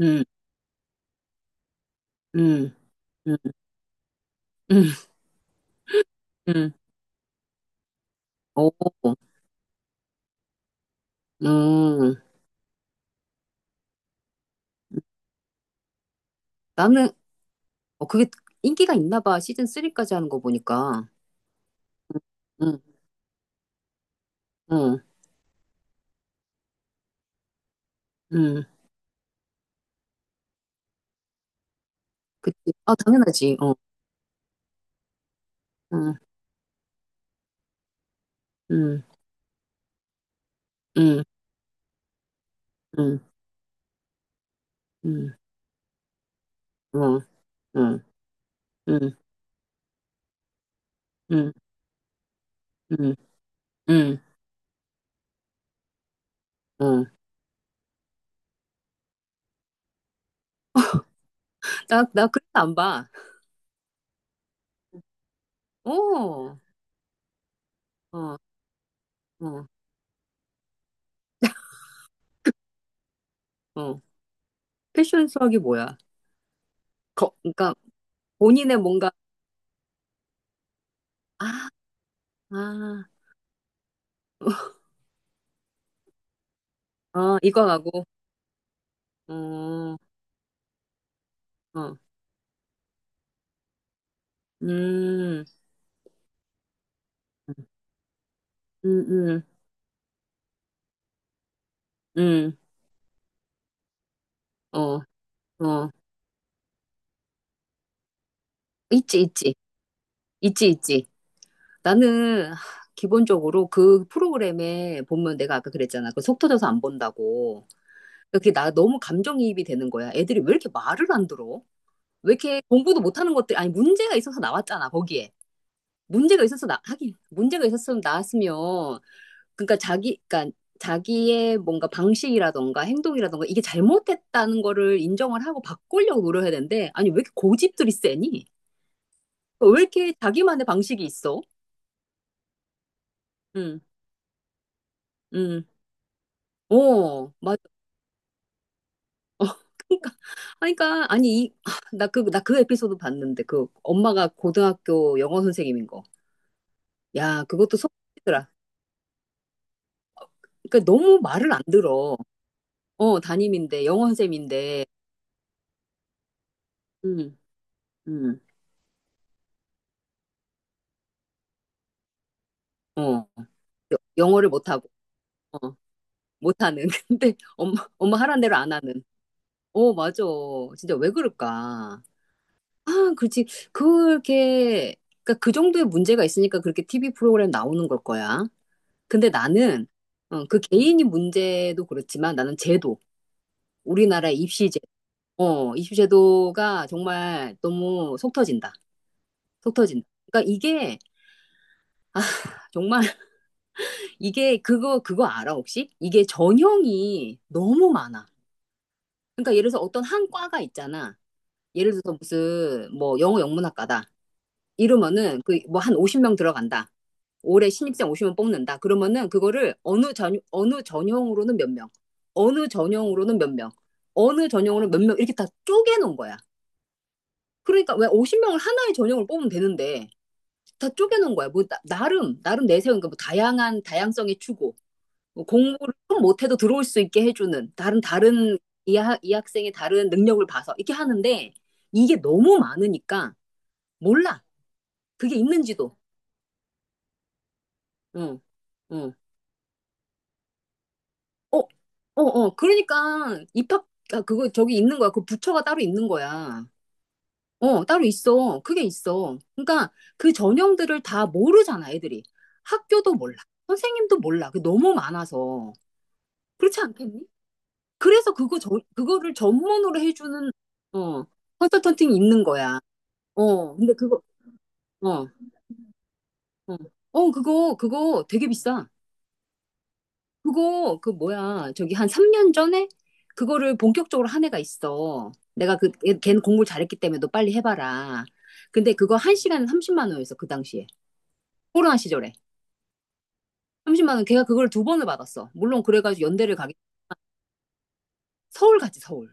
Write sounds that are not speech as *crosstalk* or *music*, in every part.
음, 음, 음, 음, 음. 오, 음. 나는, 그게 인기가 있나 봐. 시즌 리까지 하는 거 보니까. 응응응 그치. 아, 당연하지. 어, 응, 응응 응, 응. 어, 응, 응응 응, 응, 응. *laughs* 나 그래서 안 봐. 오, 어, 어, 어. 패션 수학이 뭐야? 그러니까 본인의 뭔가, 아, 아. *laughs* 이거 하고, 어, 어. 음, 음, 음, 음, 어, 어. 있지, 있지, 있지. 나는 하, 기본적으로 그 프로그램에 보면 내가 아까 그랬잖아. 그 속 터져서 안 본다고. 그게 나 너무 감정이입이 되는 거야. 애들이 왜 이렇게 말을 안 들어? 왜 이렇게 공부도 못하는 것들, 아니, 문제가 있어서 나왔잖아, 거기에. 하긴, 문제가 있었으면 나왔으면, 그러니까 자기의 뭔가 방식이라던가 행동이라던가 이게 잘못했다는 거를 인정을 하고 바꾸려고 노력해야 되는데, 아니, 왜 이렇게 고집들이 세니? 왜 이렇게 자기만의 방식이 있어? 응, 응, 어, 맞아. 어, *laughs* 그러니까, 아니, 그러니까, 아니, 이, 아, 나 그 에피소드 봤는데, 그 엄마가 고등학교 영어 선생님인 거. 야, 그것도 속이더라. 그러니까 너무 말을 안 들어. 어, 담임인데, 영어 선생님인데, 응, 응, 어, 영어를 못하고. 어. 못하는. *laughs* 근데 엄마 하라는 대로 안 하는. 어, 맞아. 진짜 왜 그럴까? 아, 그렇지. 그렇게, 그러니까 그 정도의 문제가 있으니까 그렇게 TV 프로그램 나오는 걸 거야. 근데 나는, 어, 그 개인이 문제도 그렇지만 나는 제도, 우리나라 입시제, 어, 입시제도가 정말 너무 속 터진다. 속 터진다. 그러니까 이게 정말, *laughs* 이게 그거 알아 혹시? 이게 전형이 너무 많아. 그러니까 예를 들어서 어떤 한 과가 있잖아. 예를 들어서 무슨 뭐 영어 영문학과다. 이러면은 그 뭐 한 50명 들어간다. 올해 신입생 50명 뽑는다. 그러면은 그거를 어느 전형으로는 몇 명, 어느 전형으로는 몇 명, 어느 전형으로는 몇 명 이렇게 다 쪼개 놓은 거야. 그러니까 왜 50명을 하나의 전형을 뽑으면 되는데 다 쪼개 놓은 거야. 뭐 나, 름 나름 내세운 그뭐 다양한 다양성의 추구, 뭐 공부를 좀 못해도 들어올 수 있게 해주는 다른 이 학생의 다른 능력을 봐서 이렇게 하는데 이게 너무 많으니까 몰라. 그게 있는지도. 응, 응. 어, 어, 어. 아, 그거 저기 있는 거야. 그 부처가 따로 있는 거야. 어, 따로 있어. 그게 있어. 그러니까 그 전형들을 다 모르잖아, 애들이. 학교도 몰라. 선생님도 몰라. 그게 너무 많아서. 그렇지 않겠니? 그거를 전문으로 해주는, 어, 컨설턴팅이 있는 거야. 어, 근데 그거, 어, 어, 어, 그거, 그거 되게 비싸. 그거 그 뭐야 저기 한 3년 전에 그거를 본격적으로 한 애가 있어. 내가 걔는 공부를 잘했기 때문에 너 빨리 해봐라. 근데 그거 한 시간에 30만 원이었어 그 당시에. 코로나 시절에 30만 원. 걔가 그걸 두 번을 받았어. 물론 그래가지고 연대를 가게, 서울 가지 서울.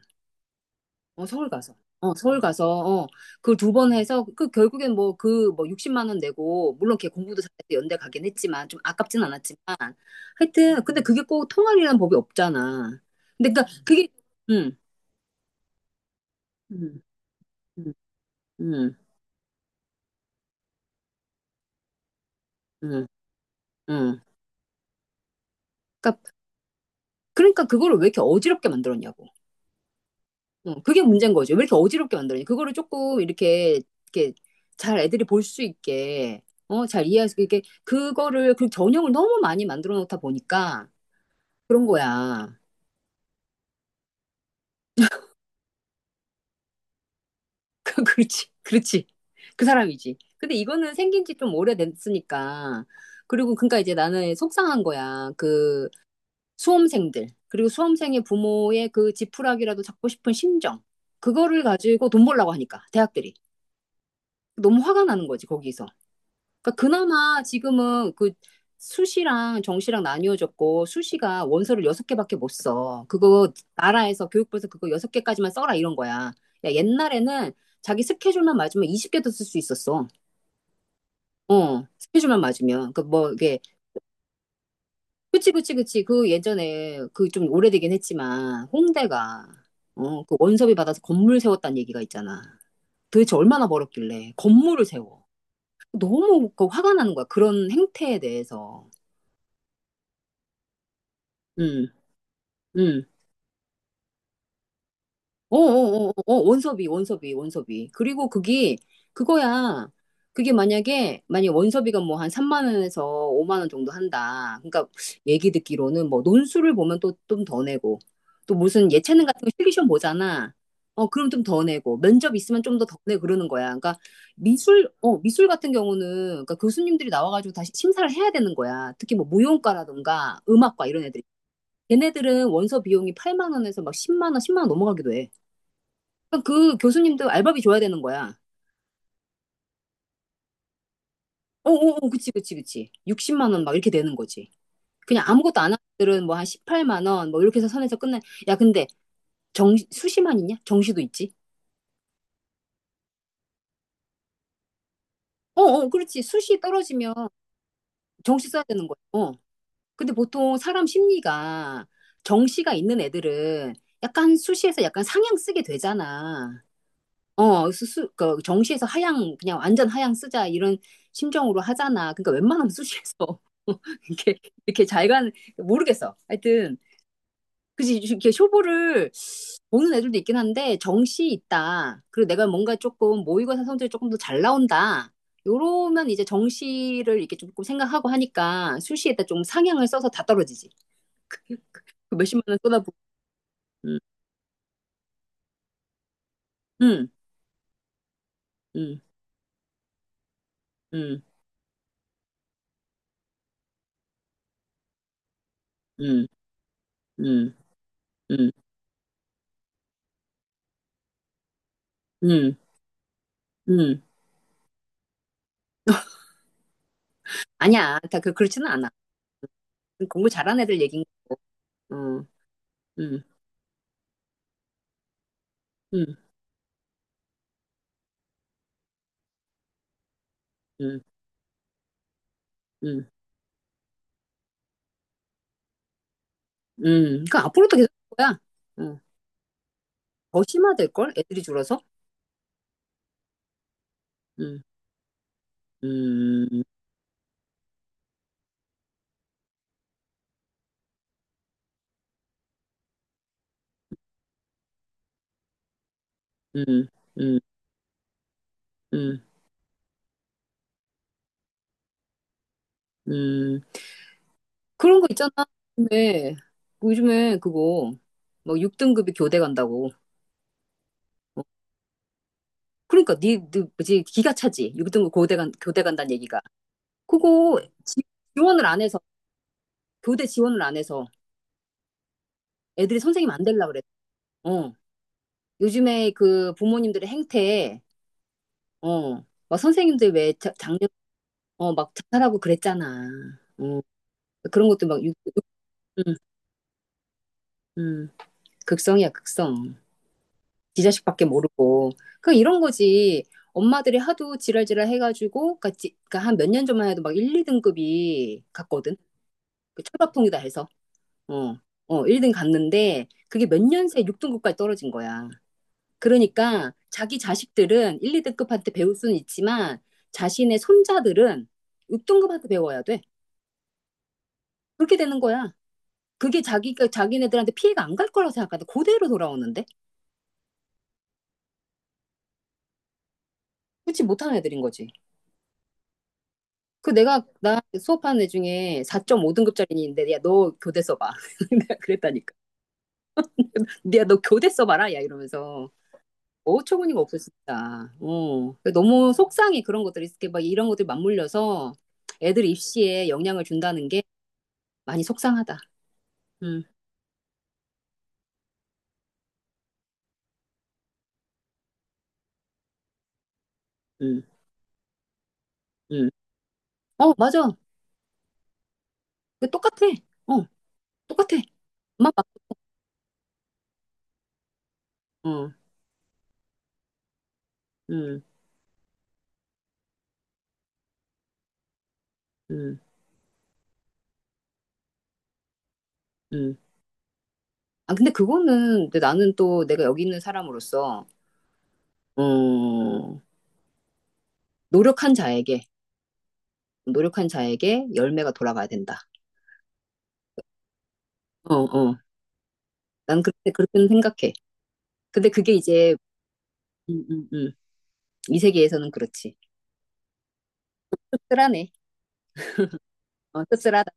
어 서울 가서 어 서울 가서 어 그걸 두 번 해서 그 결국엔 뭐 그 뭐 60만 원 내고, 물론 걔 공부도 잘해서 연대 가긴 했지만 좀 아깝진 않았지만, 하여튼. 근데 그게 꼭 통할이라는 법이 없잖아. 근데 그니까 그게. 음. 음. 음, 음, 음, 음. 그러니까, 그러니까 그거를 왜 이렇게 어지럽게 만들었냐고. 어, 그게 문제인 거죠. 왜 이렇게 어지럽게 만들었냐. 그거를 조금 이렇게, 이렇게 잘 애들이 볼 수 있게, 어, 잘 이해할 수 있게, 그거를, 그 전형을 너무 많이 만들어 놓다 보니까 그런 거야. *laughs* 그렇지, 그렇지. 그 사람이지. 근데 이거는 생긴 지 좀 오래됐으니까. 그리고 그러니까 이제 나는 속상한 거야. 그 수험생들, 그리고 수험생의 부모의 그 지푸라기라도 잡고 싶은 심정, 그거를 가지고 돈 벌라고 하니까, 대학들이. 너무 화가 나는 거지, 거기서. 그러니까 그나마 지금은 그 수시랑 정시랑 나뉘어졌고, 수시가 원서를 여섯 개밖에 못 써. 그거 나라에서 교육부에서 그거 여섯 개까지만 써라 이런 거야. 야, 옛날에는 자기 스케줄만 맞으면 20개도 쓸 수 있었어. 어, 스케줄만 맞으면. 그 뭐, 게 그치, 그치, 그치. 그 예전에 그 좀 오래되긴 했지만 홍대가, 어, 그 원섭이 받아서 건물 세웠다는 얘기가 있잖아. 도대체 얼마나 벌었길래 건물을 세워. 너무 그 화가 나는 거야. 그런 행태에 대해서. 음, 음. 어어어어 원섭이 원섭이 원섭이 그리고 그게 그거야. 그게 만약에 원섭이가 뭐 한 3만 원에서 5만 원 정도 한다 그러니까, 얘기 듣기로는 뭐 논술을 보면 또 좀 더 내고, 또 무슨 예체능 같은 거 실기시험 보잖아. 어, 그럼 좀 더 내고 면접 있으면 좀 더 내고 그러는 거야. 그러니까 미술 같은 경우는 그러니까 교수님들이 나와가지고 다시 심사를 해야 되는 거야. 특히 뭐 무용과라든가 음악과 이런 애들, 걔네들은 원서 비용이 8만 원에서 막 10만 원 넘어가기도 해. 그그 교수님도 알바비 줘야 되는 거야. 어어어, 그치, 그치, 그치. 60만 원 막 이렇게 되는 거지. 그냥 아무것도 안 하는 들은 뭐 한 18만 원 뭐 이렇게 해서 선에서 끝내. 야, 근데 수시만 있냐? 정시도 있지? 어어, 그렇지. 수시 떨어지면 정시 써야 되는 거야. 어. 근데 보통 사람 심리가 정시가 있는 애들은 약간 수시에서 약간 상향 쓰게 되잖아. 어, 정시에서 하향, 그냥 완전 하향 쓰자, 이런 심정으로 하잖아. 그러니까 웬만하면 수시에서, *laughs* 이렇게, 이렇게 잘 가는, 모르겠어. 하여튼, 그지, 이렇게 쇼부를 보는 애들도 있긴 한데, 정시 있다. 그리고 내가 뭔가 조금 모의고사 성적이 조금 더 잘 나온다. 요러면 이제 정시를 이렇게 조금 생각하고 하니까, 수시에다 좀 상향을 써서 다 떨어지지. *laughs* 그 그 몇십만 원 쏟아부어. 음, 음, 음, 음, 음, 음, 음, 음, 음. 아니야. 그렇지는 않아. 공부 잘하는 애들 얘기인 거야. 응, 응, 응, 응, 응, 응. 그러니까 앞으로도 계속 그럴 거야. 응. 더 심화될걸? 애들이 줄어서? 응, 음, 음, 음, 음, 음. 그런 거 있잖아. 요즘에, 요즘에 그거, 뭐 6등급이 교대 간다고. 어, 그러니까 니 뭐지, 기가 차지. 6등급 교대 간다는 얘기가. 그거 지, 지원을 안 해서, 교대 지원을 안 해서. 애들이 선생님 안 되려고 그래. 요즘에 그 부모님들의 행태, 어, 막 작년, 어, 막 자살하고 그랬잖아. 어, 그런 것도 막, 음, 음, 극성이야, 극성. 지 자식밖에 모르고. 그 이런 거지. 엄마들이 하도 지랄지랄 해가지고, 그니까, 한 몇 년 전만 해도 막 1, 2등급이 갔거든. 그 철밥통이다 해서. 어, 어, 1등 갔는데, 그게 몇 년 새에 6등급까지 떨어진 거야. 그러니까 자기 자식들은 1, 2등급한테 배울 수는 있지만, 자신의 손자들은 6등급한테 배워야 돼. 그렇게 되는 거야. 그게 자기가 자기네들한테 피해가 안 갈 거라고 생각하는데 그대로 돌아오는데. 그치, 못하는 애들인 거지. 그 내가 나 수업하는 애 중에 4.5등급짜리 있는데, 야, 너 교대 써봐. *laughs* 내가 그랬다니까. 야, 너 교대 써봐라, 야, 이러면서. 어처구니가 없어 진짜. 어. 너무 속상해. 그런 것들이 이렇게 막 이런 것들 맞물려서 애들 입시에 영향을 준다는 게 많이 속상하다. 응, 응, 응. 어, 맞아. 그 똑같아. 어, 똑같아. 엄마, 아빠. 어, 응, 응, 응. 아, 근데 그거는, 근데 나는 또 내가 여기 있는 사람으로서, 어, 노력한 자에게, 노력한 자에게 열매가 돌아가야 된다. 어, 어. 난 그렇게, 그렇게는 생각해. 근데 그게 이제, 음, 음, 음. 이 세계에서는 그렇지. 쓸쓸하네. 어, 쓸쓸하다.